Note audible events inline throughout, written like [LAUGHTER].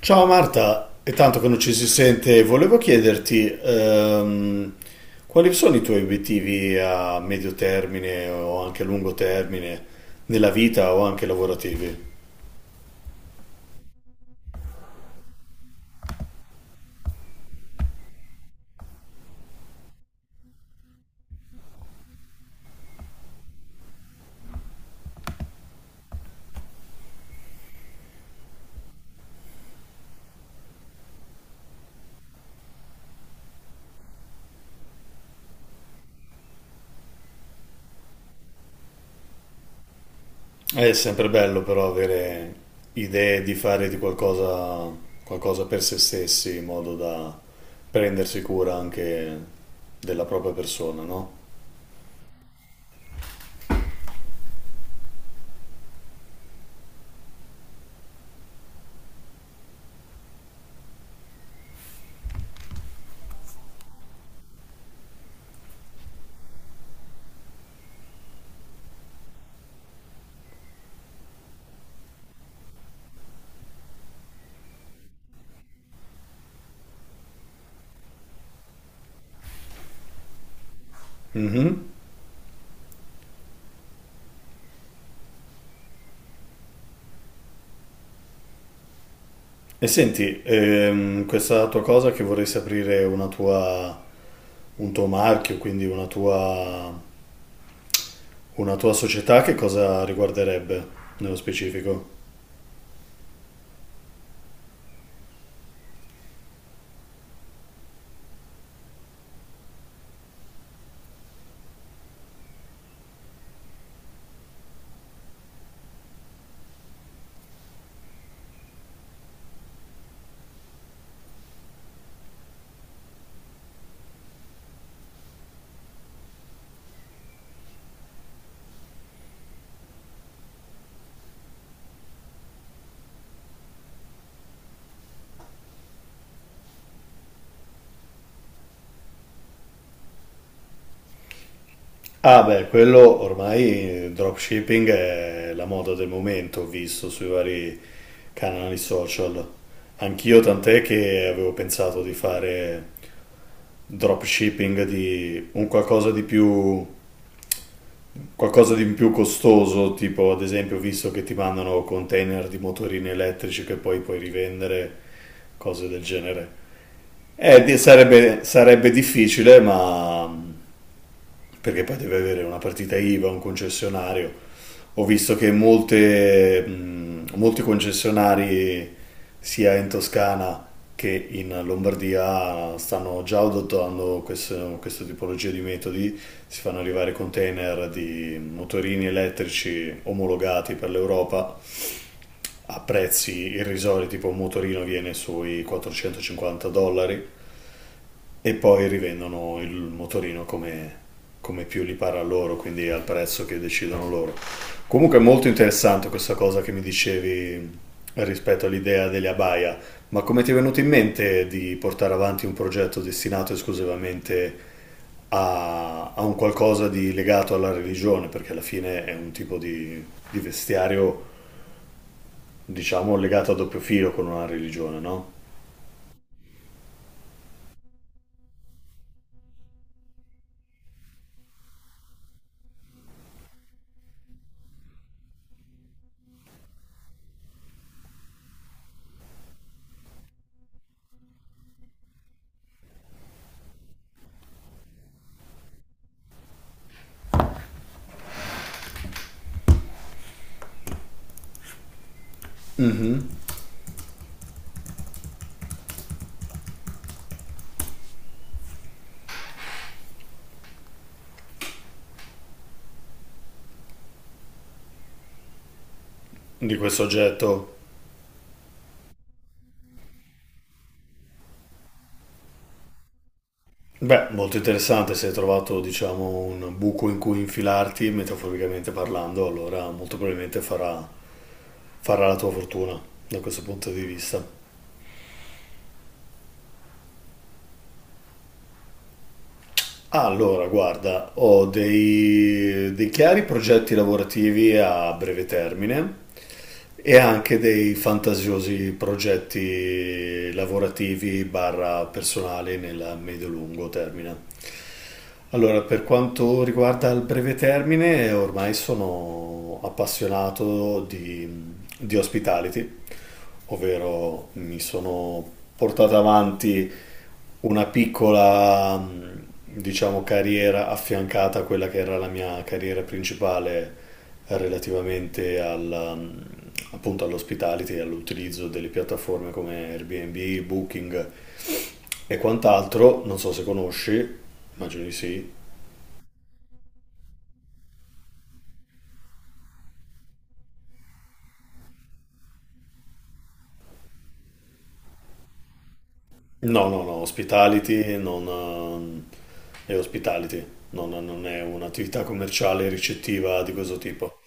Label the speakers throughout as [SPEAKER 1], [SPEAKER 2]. [SPEAKER 1] Ciao Marta, è tanto che non ci si sente, volevo chiederti quali sono i tuoi obiettivi a medio termine o anche a lungo termine nella vita o anche lavorativi? È sempre bello però avere idee di fare di qualcosa, qualcosa per se stessi in modo da prendersi cura anche della propria persona, no? Mhm. E senti, questa tua cosa che vorresti aprire una tua un tuo marchio, quindi una tua società, che cosa riguarderebbe nello specifico? Ah beh, quello ormai dropshipping è la moda del momento, ho visto sui vari canali social. Anch'io tant'è che avevo pensato di fare dropshipping di un qualcosa di più costoso, tipo ad esempio ho visto che ti mandano container di motorini elettrici che poi puoi rivendere, cose del genere. Sarebbe, sarebbe difficile, ma perché poi deve avere una partita IVA, un concessionario. Ho visto che molte, molti concessionari, sia in Toscana che in Lombardia, stanno già adottando questa tipologia di metodi. Si fanno arrivare container di motorini elettrici omologati per l'Europa a prezzi irrisori, tipo un motorino viene sui 450 dollari e poi rivendono il motorino come, come più gli pare a loro, quindi al prezzo che decidono loro. Comunque è molto interessante questa cosa che mi dicevi rispetto all'idea delle abaya, ma come ti è venuto in mente di portare avanti un progetto destinato esclusivamente a, a un qualcosa di legato alla religione? Perché alla fine è un tipo di vestiario, diciamo, legato a doppio filo con una religione, no? Di questo oggetto. Beh, molto interessante se hai trovato, diciamo, un buco in cui infilarti, metaforicamente parlando, allora molto probabilmente farà, farà la tua fortuna da questo punto di vista. Allora, guarda, ho dei, dei chiari progetti lavorativi a breve termine e anche dei fantasiosi progetti lavorativi barra personali nel medio-lungo termine. Allora, per quanto riguarda il breve termine, ormai sono appassionato di hospitality, ovvero mi sono portato avanti una piccola, diciamo, carriera affiancata a quella che era la mia carriera principale relativamente alla, appunto all'hospitality, all'utilizzo delle piattaforme come Airbnb, Booking e quant'altro. Non so se conosci, immagino di sì. No, no, no, hospitality non, è hospitality, non, non è un'attività commerciale ricettiva di questo tipo.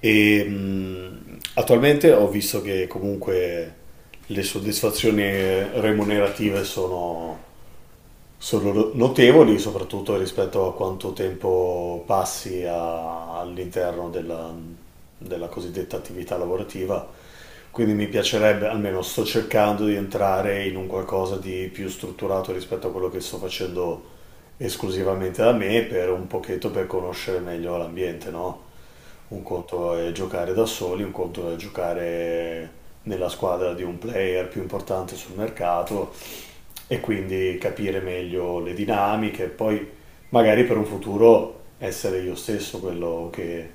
[SPEAKER 1] E attualmente ho visto che comunque le soddisfazioni remunerative sono, sono no, notevoli, soprattutto rispetto a quanto tempo passi all'interno della, della cosiddetta attività lavorativa. Quindi mi piacerebbe, almeno sto cercando di entrare in un qualcosa di più strutturato rispetto a quello che sto facendo esclusivamente da me, per un pochetto per conoscere meglio l'ambiente, no? Un conto è giocare da soli, un conto è giocare nella squadra di un player più importante sul mercato e quindi capire meglio le dinamiche, poi magari per un futuro essere io stesso quello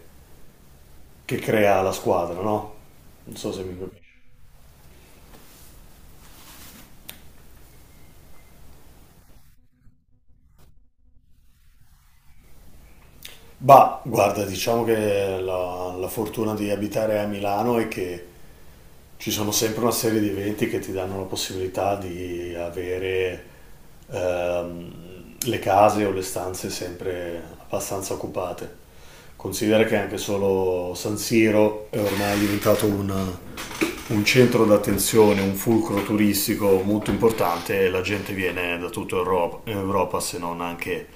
[SPEAKER 1] che crea la squadra, no? Non so se mi capisci. Bah, guarda, diciamo che la, la fortuna di abitare a Milano è che ci sono sempre una serie di eventi che ti danno la possibilità di avere ehm, le case o le stanze sempre abbastanza occupate. Considera che anche solo San Siro è ormai diventato un centro d'attenzione, un fulcro turistico molto importante e la gente viene da tutta Europa, Europa, se non anche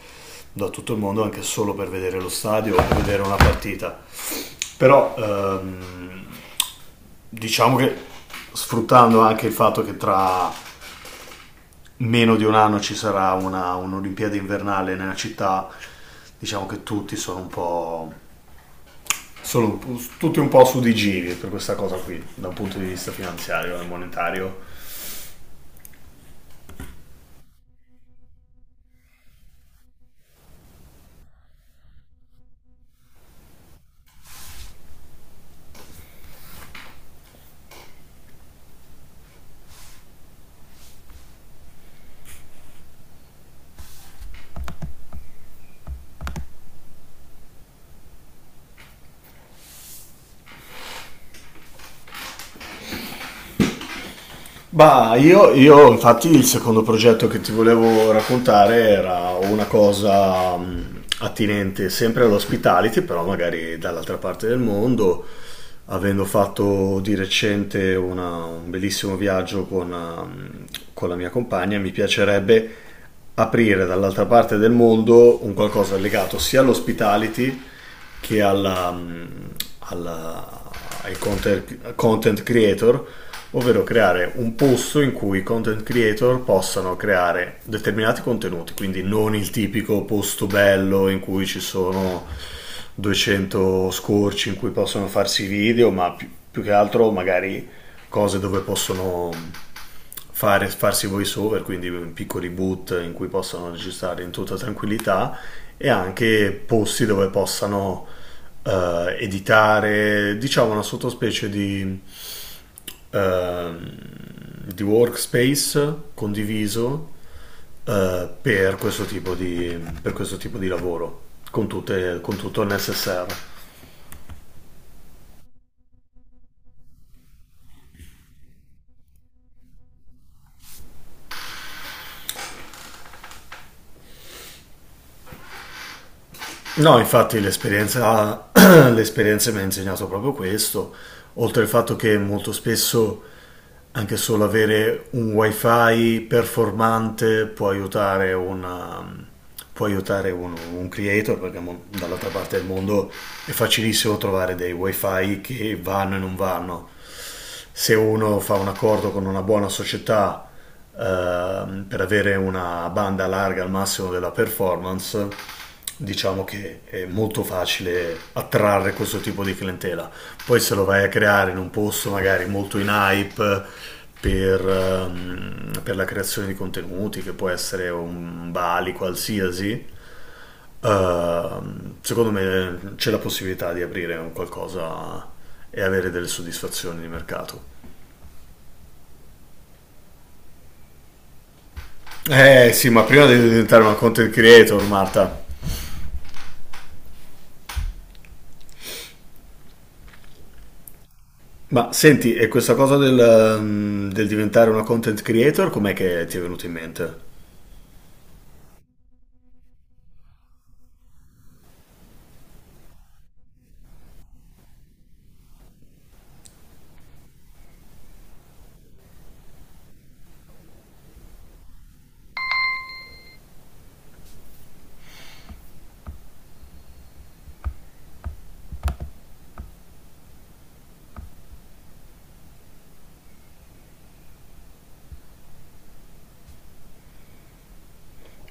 [SPEAKER 1] da tutto il mondo, anche solo per vedere lo stadio o per vedere una partita. Però diciamo che sfruttando anche il fatto che tra meno di un anno ci sarà una, un'Olimpiade invernale nella città, diciamo che tutti sono un po'... Tutti un po' su di giri per questa cosa qui, da un punto di vista finanziario e monetario. Bah, io, infatti il secondo progetto che ti volevo raccontare era una cosa attinente sempre all'hospitality, però magari dall'altra parte del mondo, avendo fatto di recente un bellissimo viaggio con, con la mia compagna, mi piacerebbe aprire dall'altra parte del mondo un qualcosa legato sia all'hospitality che alla, alla- ai content, content creator, ovvero creare un posto in cui i content creator possano creare determinati contenuti, quindi non il tipico posto bello in cui ci sono 200 scorci in cui possono farsi video, ma più, più che altro magari cose dove possono fare, farsi voice over, quindi piccoli boot in cui possano registrare in tutta tranquillità e anche posti dove possano editare, diciamo una sottospecie eh, di workspace condiviso per, questo tipo di, per questo tipo di lavoro con, con tutto il necessario. No, infatti l'esperienza, [CLEARS THROAT] l'esperienza mi ha insegnato proprio questo, oltre al fatto che molto spesso anche solo avere un wifi performante può aiutare, può aiutare un creator, perché dall'altra parte del mondo è facilissimo trovare dei wifi che vanno e non vanno se uno fa un accordo con una buona società per avere una banda larga al massimo della performance, diciamo che è molto facile attrarre questo tipo di clientela. Poi se lo vai a creare in un posto magari molto in hype per la creazione di contenuti, che può essere un Bali qualsiasi, secondo me c'è la possibilità di aprire un qualcosa e avere delle soddisfazioni di mercato. Eh sì, ma prima devi diventare una content creator, Marta. Ma senti, e questa cosa del, del diventare una content creator, com'è che ti è venuta in mente?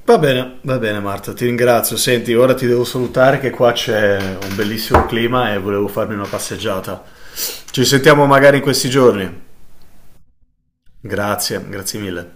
[SPEAKER 1] Va bene Marta, ti ringrazio. Senti, ora ti devo salutare che qua c'è un bellissimo clima e volevo farmi una passeggiata. Ci sentiamo magari in questi giorni. Grazie, grazie mille.